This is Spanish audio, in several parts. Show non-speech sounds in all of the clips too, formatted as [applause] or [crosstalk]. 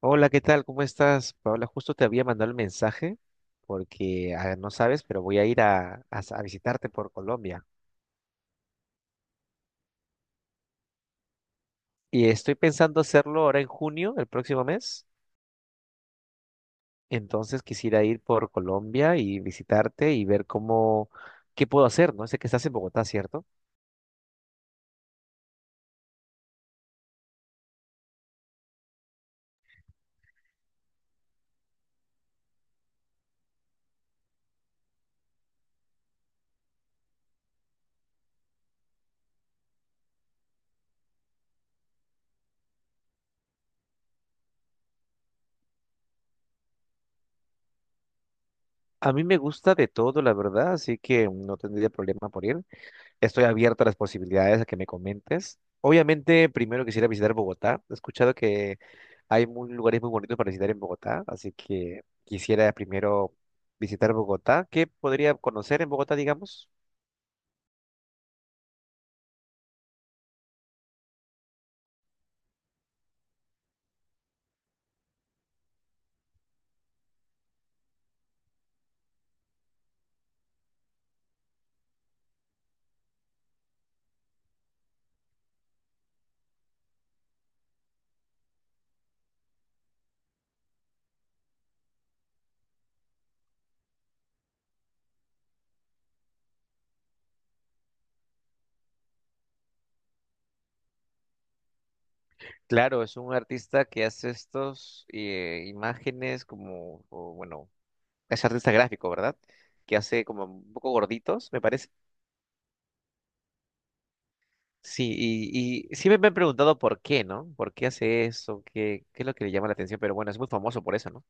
Hola, ¿qué tal? ¿Cómo estás? Paola, justo te había mandado el mensaje porque no sabes, pero voy a ir a visitarte por Colombia. Y estoy pensando hacerlo ahora en junio, el próximo mes. Entonces quisiera ir por Colombia y visitarte y ver cómo, qué puedo hacer, ¿no? Sé que estás en Bogotá, ¿cierto? A mí me gusta de todo, la verdad, así que no tendría problema por ir. Estoy abierto a las posibilidades a que me comentes. Obviamente, primero quisiera visitar Bogotá. He escuchado que hay lugares muy bonitos para visitar en Bogotá, así que quisiera primero visitar Bogotá. ¿Qué podría conocer en Bogotá, digamos? Claro, es un artista que hace estos imágenes como, o, bueno, es artista gráfico, ¿verdad? Que hace como un poco gorditos, me parece. Sí, y sí me han preguntado por qué, ¿no? ¿Por qué hace eso? ¿Qué es lo que le llama la atención? Pero bueno, es muy famoso por eso, ¿no?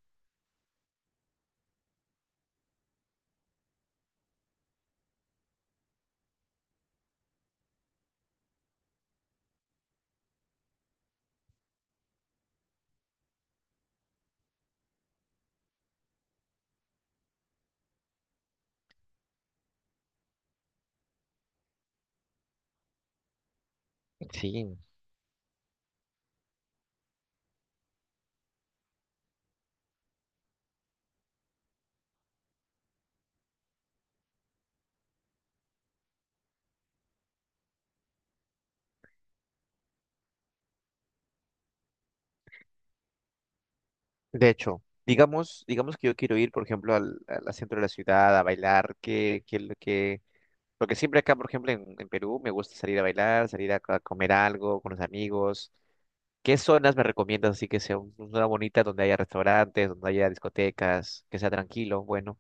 Sí, de hecho, digamos que yo quiero ir, por ejemplo, al centro de la ciudad a bailar, porque siempre acá, por ejemplo, en Perú me gusta salir a bailar, salir a comer algo con los amigos. ¿Qué zonas me recomiendas así que sea una zona bonita donde haya restaurantes, donde haya discotecas, que sea tranquilo? Bueno,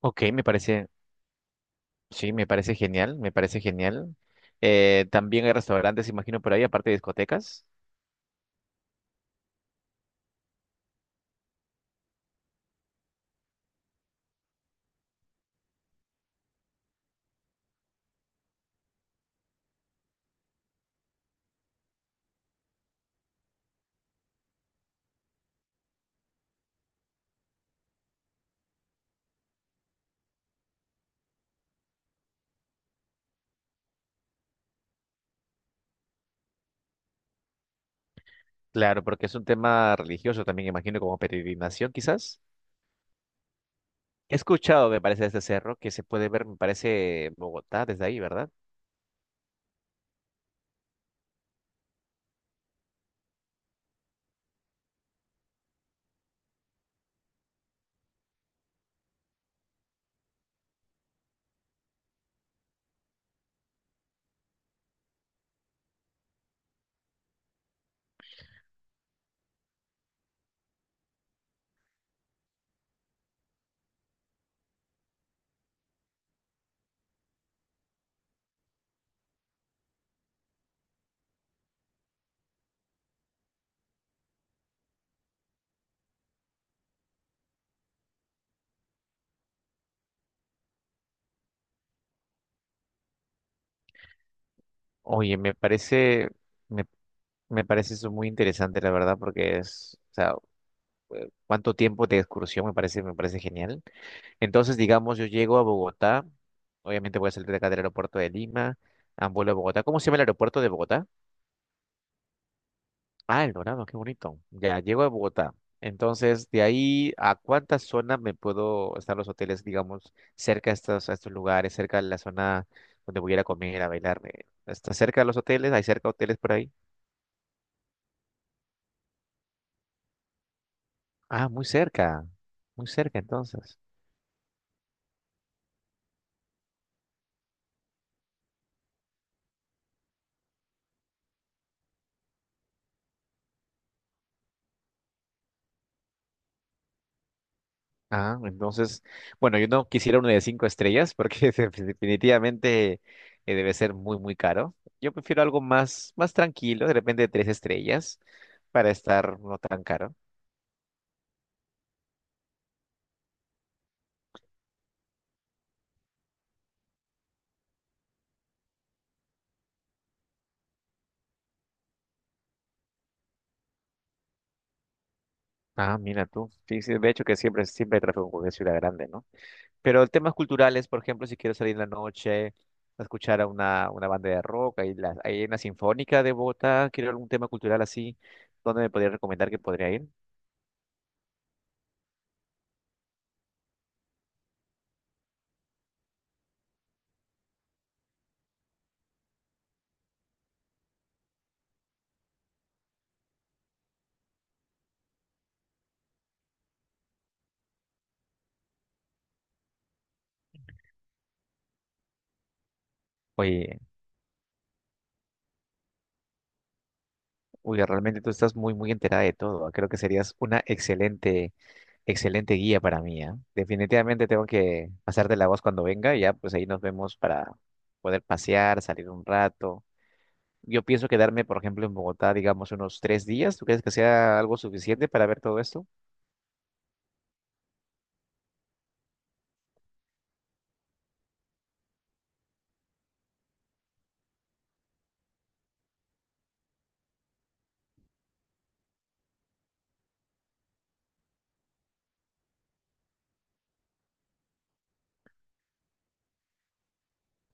ok, me parece, sí, me parece genial, me parece genial. También hay restaurantes, imagino, por ahí, aparte de discotecas. Claro, porque es un tema religioso también, imagino, como peregrinación, quizás. He escuchado, me parece, de este cerro que se puede ver, me parece, Bogotá desde ahí, ¿verdad? Oye, me parece, me, me parece eso muy interesante, la verdad, porque es, o sea, cuánto tiempo de excursión me parece genial. Entonces, digamos, yo llego a Bogotá, obviamente voy a salir de acá del aeropuerto de Lima, ah, vuelo a Bogotá. ¿Cómo se llama el aeropuerto de Bogotá? Ah, El Dorado, qué bonito. Ya llego a Bogotá. Entonces, de ahí, ¿a cuántas zonas me puedo estar los hoteles, digamos, cerca a estos lugares, cerca de la zona donde voy a ir a comer, a bailar? ¿Está cerca de los hoteles? ¿Hay cerca hoteles por ahí? Ah, muy cerca. Muy cerca, entonces. Ah, entonces, bueno, yo no quisiera uno de cinco estrellas porque [laughs] definitivamente debe ser muy, muy caro. Yo prefiero algo más, más tranquilo, de repente de tres estrellas, para estar no tan caro. Ah, mira tú. Sí, sí, de hecho que siempre, siempre hay tráfico en cualquier ciudad grande, ¿no? Pero temas culturales, por ejemplo, si quiero salir en la noche a escuchar a una banda de rock, hay una sinfónica de Bogotá, quiero algún tema cultural así, ¿dónde me podrías recomendar que podría ir? Oye, oye, realmente tú estás muy, muy enterada de todo, ¿eh? Creo que serías una excelente, excelente guía para mí, ¿ah? Definitivamente tengo que pasarte la voz cuando venga y ya, pues ahí nos vemos para poder pasear, salir un rato. Yo pienso quedarme, por ejemplo, en Bogotá, digamos, unos tres días. ¿Tú crees que sea algo suficiente para ver todo esto?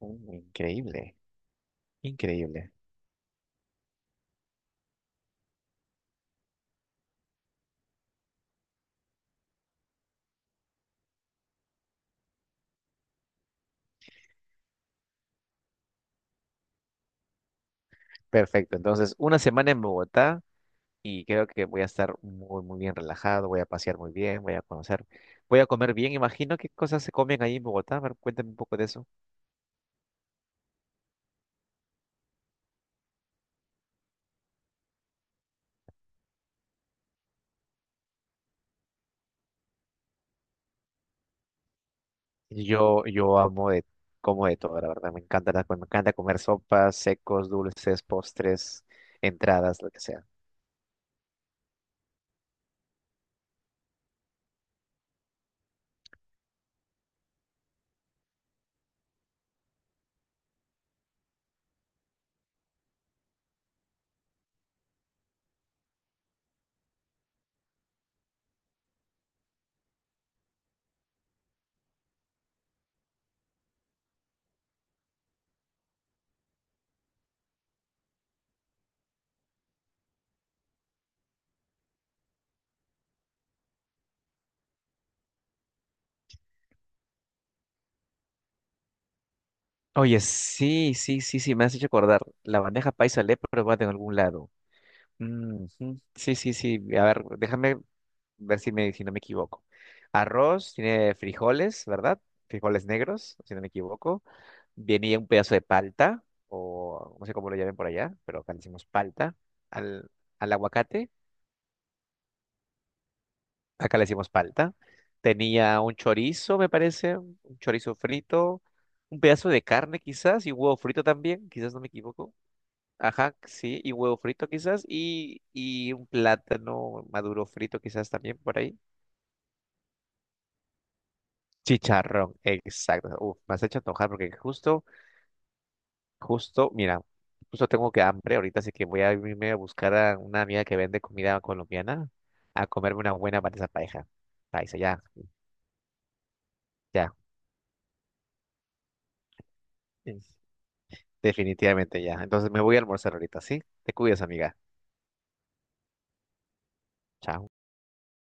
Mm, increíble, increíble. Perfecto. Entonces, una semana en Bogotá y creo que voy a estar muy, muy bien relajado, voy a pasear muy bien, voy a conocer, voy a comer bien. Imagino qué cosas se comen ahí en Bogotá. A ver, cuéntame un poco de eso. Yo amo de, como de todo, la verdad. Me encanta, me encanta comer sopas, secos, dulces, postres, entradas, lo que sea. Oye, sí, sí, sí, sí, me has hecho acordar. La bandeja paisa le he probado en algún lado. Mm, ujú. Sí, sí, sí. A ver, déjame ver si no me equivoco. Arroz, tiene frijoles, ¿verdad? Frijoles negros, si no me equivoco. Venía un pedazo de palta, o no sé cómo lo llamen por allá, pero acá le decimos palta. Al, al aguacate, acá le decimos palta. Tenía un chorizo, me parece, un chorizo frito, un pedazo de carne quizás, y huevo frito también, quizás no me equivoco. Ajá, sí, y huevo frito quizás, y un plátano maduro frito quizás también por ahí. Chicharrón, exacto. Uf, me has hecho antojar porque justo, justo, mira, justo tengo que hambre ahorita, así que voy a irme a buscar a una amiga que vende comida colombiana a comerme una buena para esa pareja. Ahí está, ya, ya, es- definitivamente ya. Entonces me voy a almorzar ahorita, ¿sí? Te cuidas, amiga. Chao.